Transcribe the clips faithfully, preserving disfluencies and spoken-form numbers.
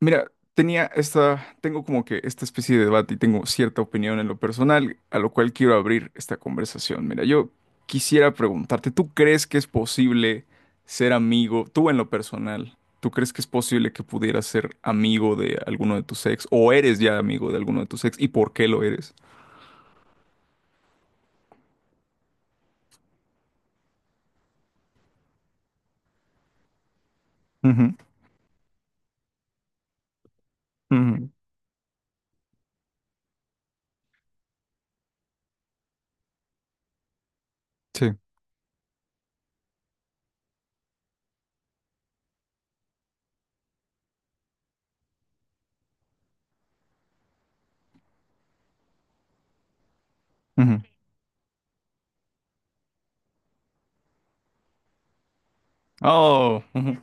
Mira, tenía esta, tengo como que esta especie de debate y tengo cierta opinión en lo personal, a lo cual quiero abrir esta conversación. Mira, yo quisiera preguntarte, ¿tú crees que es posible ser amigo, tú en lo personal, ¿tú crees que es posible que pudieras ser amigo de alguno de tus ex o eres ya amigo de alguno de tus ex y por qué lo eres? Ujú, ujú, sí. Ujú. Oh, ujú,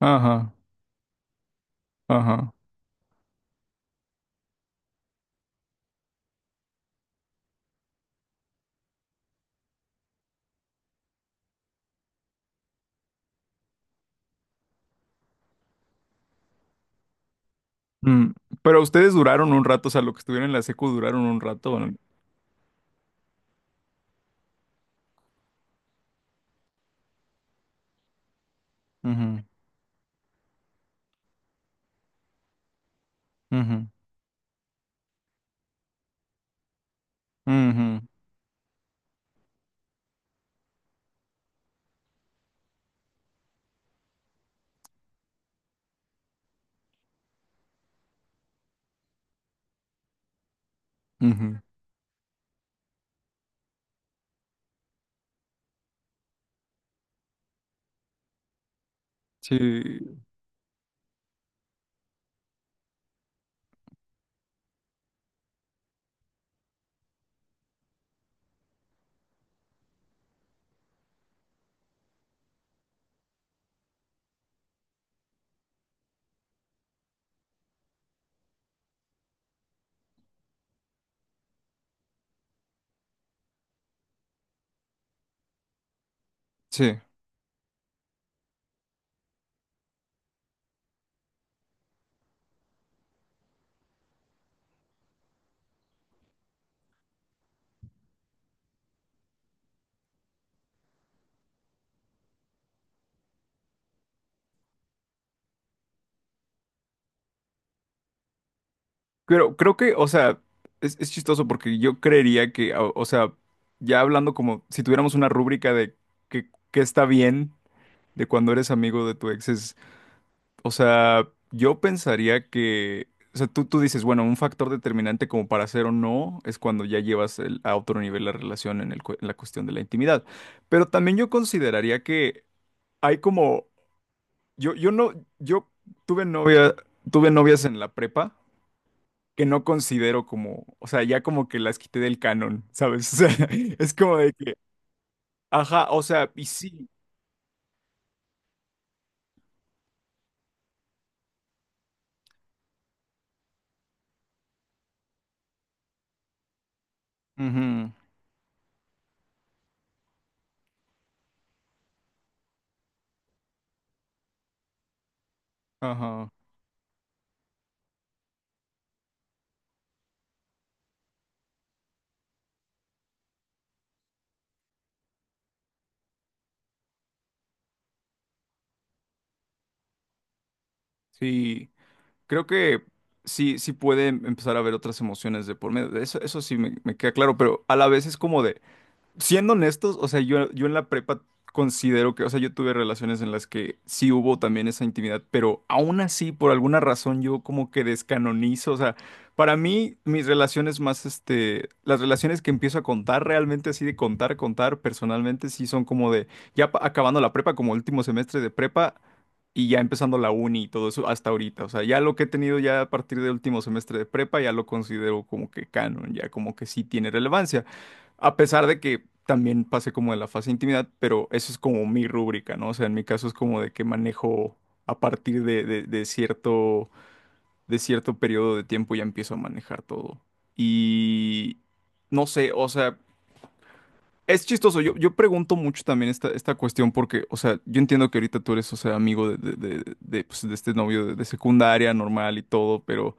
ajá, ajá. Mm. Pero ustedes duraron un rato, o sea, lo que estuvieron en la secu duraron un rato. ¿O no? Ujú, ujú. Ujú, ujú. Sí, sí. Pero creo que, o sea, es, es chistoso porque yo creería que, o, o sea, ya hablando como si tuviéramos una rúbrica de qué qué está bien de cuando eres amigo de tu ex, es, o sea, yo pensaría que, o sea, tú, tú dices, bueno, un factor determinante como para hacer o no es cuando ya llevas el- a otro nivel la relación en el cu- en la cuestión de la intimidad. Pero también yo consideraría que hay como Yo, yo no, yo tuve novia, tuve novias en la prepa que no considero como, o sea, ya como que las quité del canon, ¿sabes? O sea, es como de que, ajá, o sea, y sí, ujú, ajá, sí, creo que sí, sí puede empezar a haber otras emociones de por medio, eso, eso sí me, me queda claro, pero a la vez es como de, siendo honestos, o sea, yo, yo en la prepa considero que, o sea, yo tuve relaciones en las que sí hubo también esa intimidad, pero aún así, por alguna razón, yo como que descanonizo, o sea, para mí, mis relaciones más, este, las relaciones que empiezo a contar realmente así de contar, contar personalmente, sí son como de, ya pa- acabando la prepa, como último semestre de prepa, y ya empezando la uni y todo eso hasta ahorita. O sea, ya lo que he tenido ya a partir del último semestre de prepa, ya lo considero como que canon, ya como que sí tiene relevancia. A pesar de que también pasé como de la fase de intimidad, pero eso es como mi rúbrica, ¿no? O sea, en mi caso es como de que manejo a partir de, de- de cierto, de cierto periodo de tiempo ya empiezo a manejar todo. Y no sé, o sea, es chistoso. Yo, yo pregunto mucho también esta, esta cuestión porque, o sea, yo entiendo que ahorita tú eres, o sea, amigo de, de, de- de, pues, de este novio de, de secundaria, normal y todo, pero...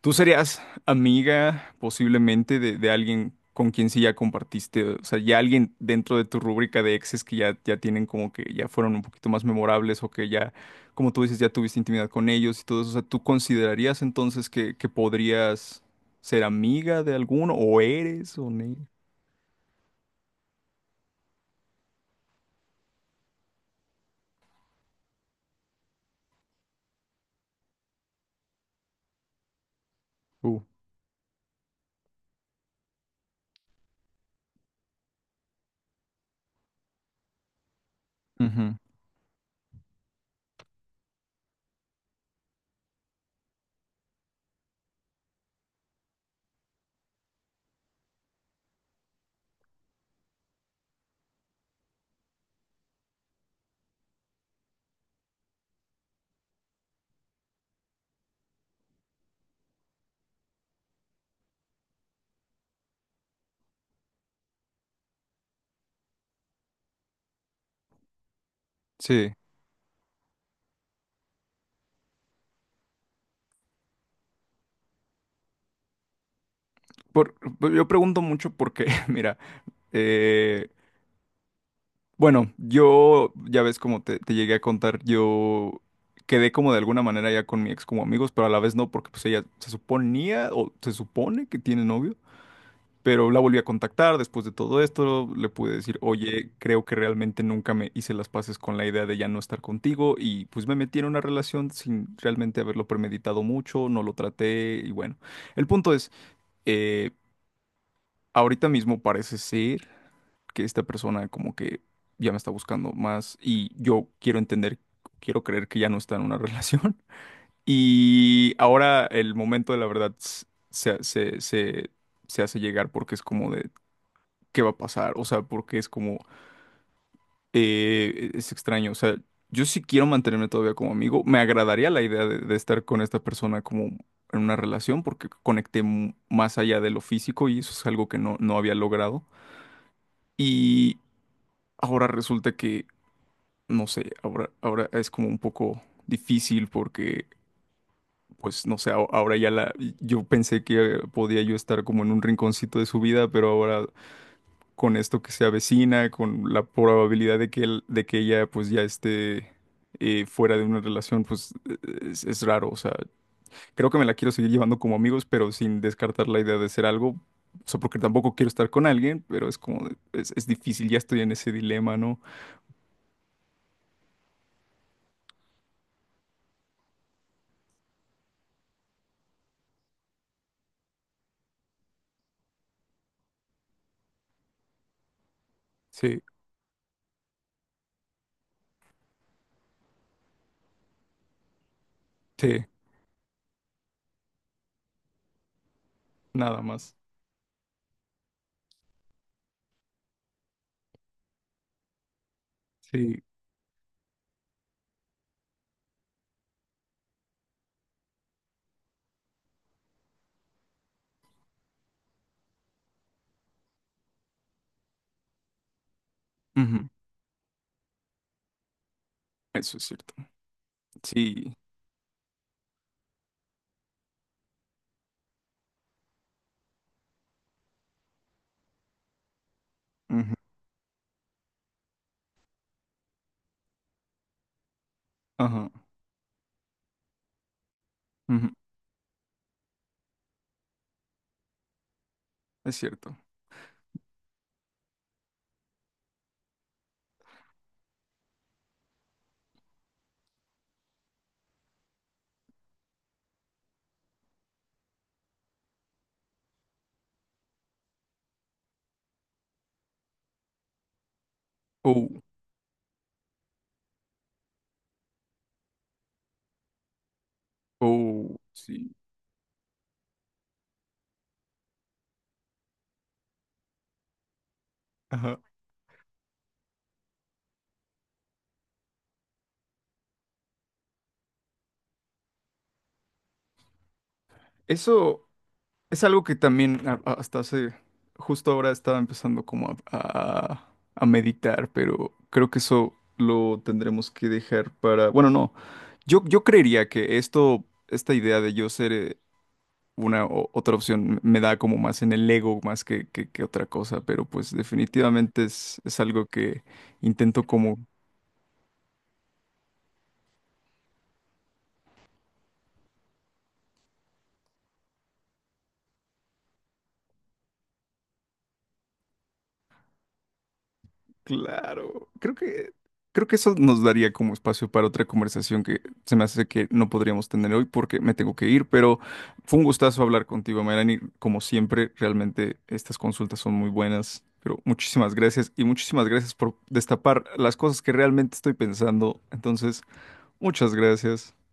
¿Tú serías amiga posiblemente de, de alguien con quien sí ya compartiste? O sea, ya alguien dentro de tu rúbrica de exes que ya, ya tienen como que ya fueron un poquito más memorables o que ya, como tú dices, ya tuviste intimidad con ellos y todo eso. O sea, ¿tú considerarías entonces que, que podrías ser amiga de alguno o eres o ne- Uh, ujú, sí. Por, yo pregunto mucho porque, mira, eh, bueno, yo, ya ves como te, te llegué a contar, yo quedé como de alguna manera ya con mi ex como amigos, pero a la vez no, porque pues ella se suponía o se supone que tiene novio, pero la volví a contactar después de todo esto, le pude decir, oye, creo que realmente nunca me hice las paces con la idea de ya no estar contigo y pues me metí en una relación sin realmente haberlo premeditado mucho, no lo traté y bueno, el punto es... eh, ahorita mismo parece ser que esta persona como que ya me está buscando más y yo quiero entender, quiero creer que ya no está en una relación. Y ahora el momento de la verdad s- se, se, se, se hace llegar porque es como de, ¿qué va a pasar? O sea, porque es como, eh, es extraño. O sea, yo sí quiero mantenerme todavía como amigo. Me agradaría la idea de, de estar con esta persona como en una relación porque conecté mu- más allá de lo físico y eso es algo que no, no había logrado. Y ahora resulta que, no sé, ahora, ahora es como un poco difícil porque, pues, no sé, a- ahora ya la, yo pensé que podía yo estar como en un rinconcito de su vida, pero ahora con esto que se avecina, con la probabilidad de que él, de que ella, pues, ya esté eh, fuera de una relación, pues, es, es raro. O sea, creo que me la quiero seguir llevando como amigos, pero sin descartar la idea de ser algo. O sea, porque tampoco quiero estar con alguien, pero es como, es, es difícil, ya estoy en ese dilema, ¿no? Sí. Sí, nada más. Sí, ujú. Eso es cierto. Sí, ujú. Ajá, ujú. Es cierto. Oh, oh, sí, ajá. Eso es algo que también a- a- hasta hace, justo ahora estaba empezando como a, a a meditar, pero creo que eso lo tendremos que dejar para, bueno, no. Yo, yo creería que esto, esta idea de yo ser eh, una o- otra opción me da como más en el ego más que, que, que otra cosa, pero pues definitivamente es, es algo que intento como, claro, creo que, creo que eso nos daría como espacio para otra conversación que se me hace que no podríamos tener hoy porque me tengo que ir, pero fue un gustazo hablar contigo, Melanie, como siempre, realmente estas consultas son muy buenas. Pero muchísimas gracias y muchísimas gracias por destapar las cosas que realmente estoy pensando. Entonces, muchas gracias.